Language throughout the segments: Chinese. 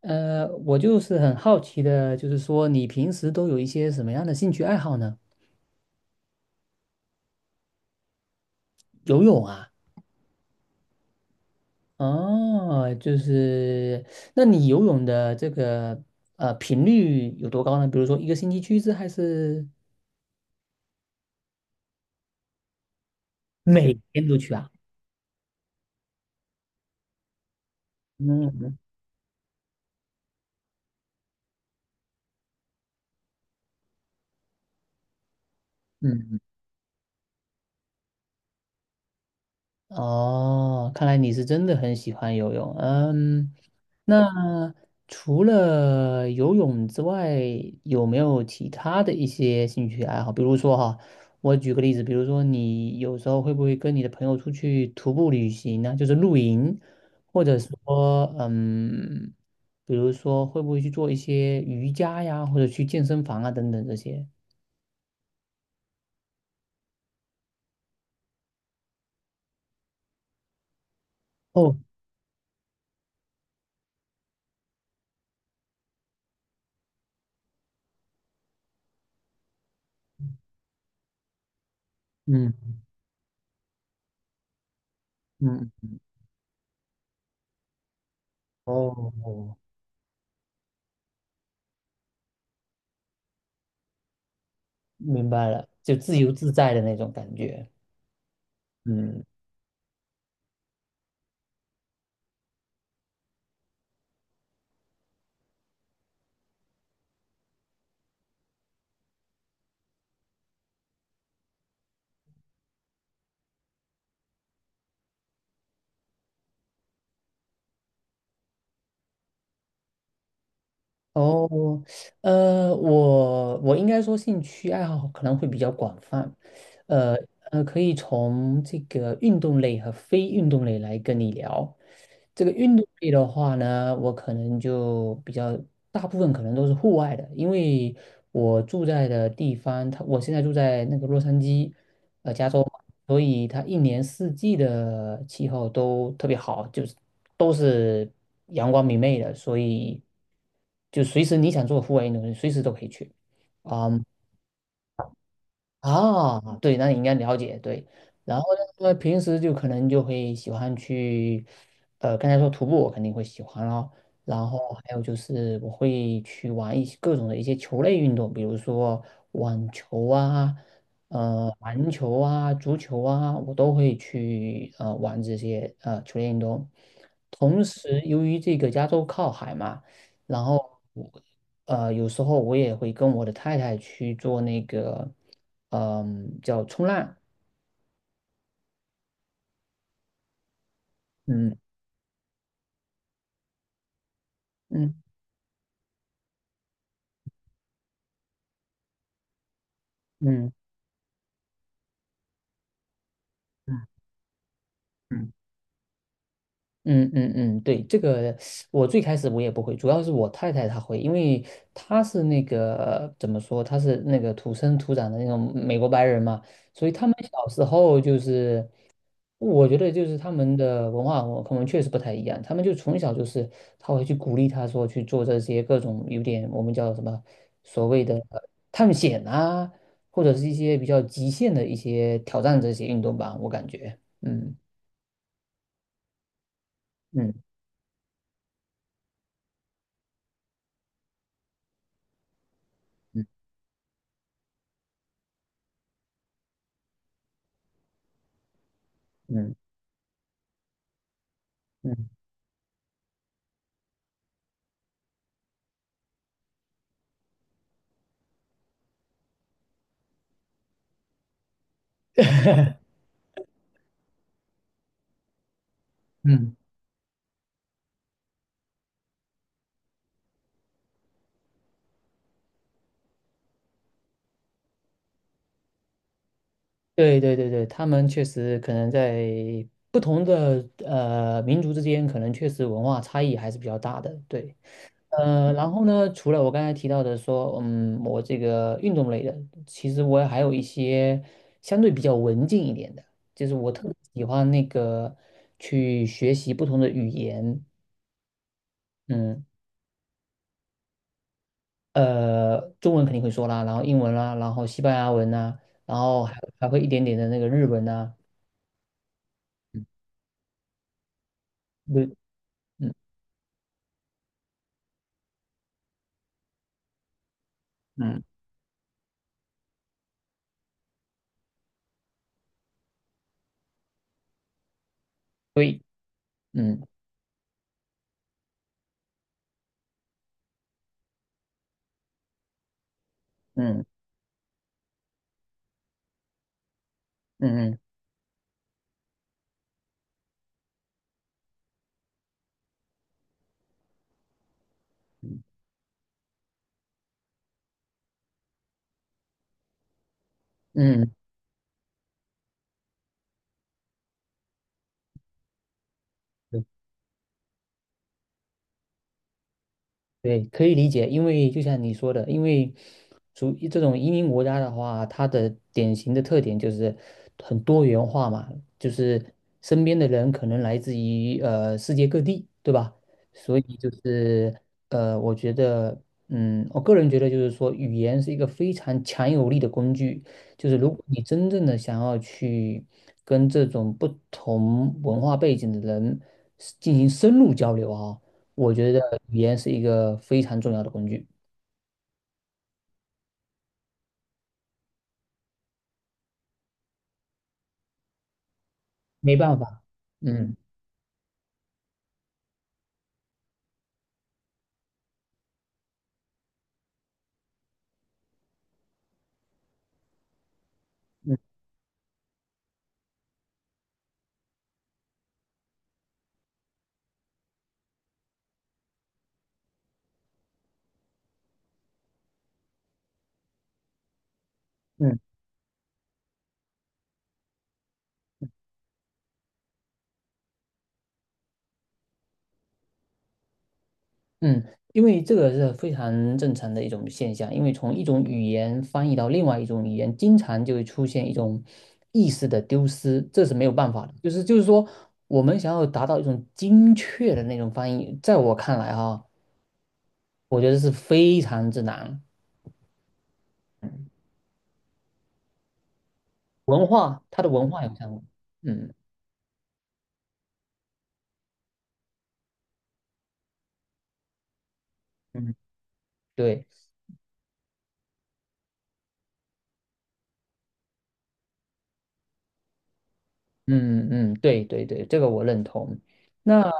我就是很好奇的，就是说你平时都有一些什么样的兴趣爱好呢？游泳啊，哦，就是，那你游泳的这个频率有多高呢？比如说一个星期去一次，还是每天都去啊？嗯嗯嗯嗯哦，看来你是真的很喜欢游泳。嗯，那除了游泳之外，有没有其他的一些兴趣爱好？比如说哈，我举个例子，比如说你有时候会不会跟你的朋友出去徒步旅行呢？就是露营，或者说比如说会不会去做一些瑜伽呀，或者去健身房啊等等这些？哦，嗯嗯，哦，明白了，就自由自在的那种感觉。嗯哦，我应该说兴趣爱好可能会比较广泛，呃可以从这个运动类和非运动类来跟你聊。这个运动类的话呢，我可能就比较大部分可能都是户外的，因为我住在的地方，我现在住在那个洛杉矶，加州嘛，所以它一年四季的气候都特别好，就是都是阳光明媚的，所以就随时你想做户外运动，随时都可以去。嗯啊，对，那你应该了解，对。然后呢，平时就可能就会喜欢去，刚才说徒步我肯定会喜欢咯，然后还有就是我会去玩一些各种的一些球类运动，比如说网球啊，篮球啊，足球啊，我都会去玩这些球类运动。同时，由于这个加州靠海嘛，然后有时候我也会跟我的太太去做那个。嗯，叫冲浪，嗯嗯嗯嗯嗯嗯嗯嗯，对，这个我最开始我也不会，主要是我太太她会，因为她是那个怎么说，她是那个土生土长的那种美国白人嘛，所以他们小时候就是。我觉得就是他们的文化，我可能确实不太一样。他们就从小就是他会去鼓励他说去做这些各种有点我们叫什么所谓的探险啊，或者是一些比较极限的一些挑战这些运动吧。我感觉，嗯嗯嗯嗯嗯 嗯，对对对对，他们确实可能在不同的民族之间，可能确实文化差异还是比较大的。对。然后呢，除了我刚才提到的说，我这个运动类的，其实我还有一些相对比较文静一点的，就是我特别喜欢那个去学习不同的语言，嗯，中文肯定会说啦，然后英文啦，然后西班牙文呐，然后还会一点点的那个日文呐，嗯对，嗯嗯，对，嗯嗯嗯嗯嗯，对对，可以理解，因为就像你说的，因为属于这种移民国家的话，它的典型的特点就是很多元化嘛，就是身边的人可能来自于世界各地，对吧？所以就是我觉得，我个人觉得就是说，语言是一个非常强有力的工具，就是如果你真正的想要去跟这种不同文化背景的人进行深入交流啊。我觉得语言是一个非常重要的工具，没办法，嗯嗯嗯嗯，因为这个是非常正常的一种现象，因为从一种语言翻译到另外一种语言，经常就会出现一种意识的丢失，这是没有办法的。就是说，我们想要达到一种精确的那种翻译，在我看来哈，我觉得是非常之难。文化，它的文化有相关，嗯嗯，对。嗯嗯，对对对，这个我认同。那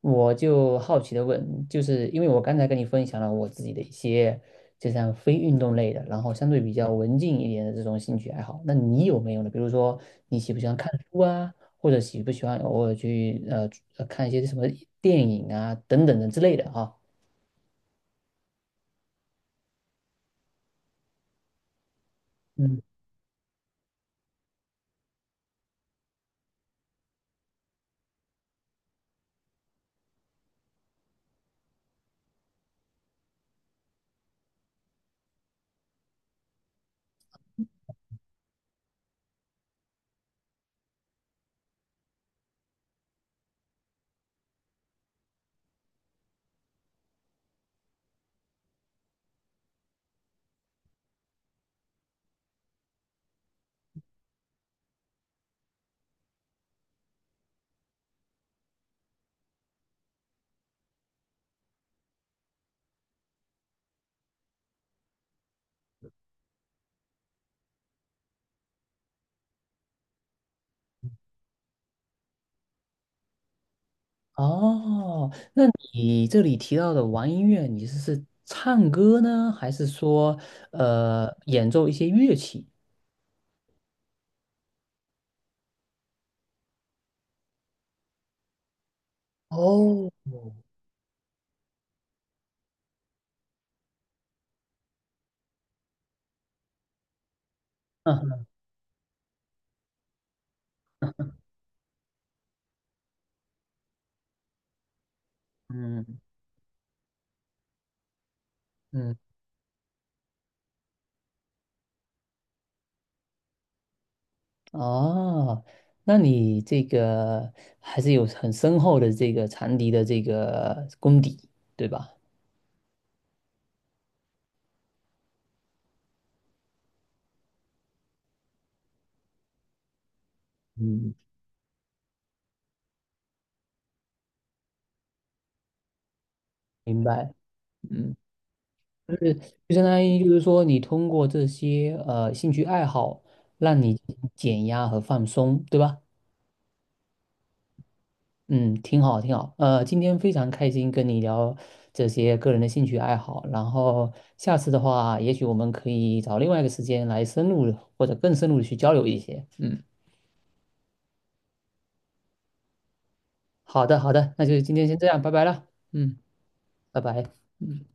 我就好奇的问，就是因为我刚才跟你分享了我自己的一些，就像非运动类的，然后相对比较文静一点的这种兴趣爱好，那你有没有呢？比如说你喜不喜欢看书啊，或者喜不喜欢偶尔去看一些什么电影啊等等的之类的哈？嗯，哦，那你这里提到的玩音乐，你是唱歌呢，还是说演奏一些乐器？哦，嗯嗯嗯，哦，那你这个还是有很深厚的这个长笛的这个功底，对吧？嗯，明白。嗯，就是就相当于就是说，你通过这些兴趣爱好，让你减压和放松，对吧？嗯，挺好，挺好。今天非常开心跟你聊这些个人的兴趣爱好，然后下次的话，也许我们可以找另外一个时间来深入地或者更深入的去交流一些。嗯，好的，好的，那就今天先这样，拜拜了。嗯，拜拜。嗯。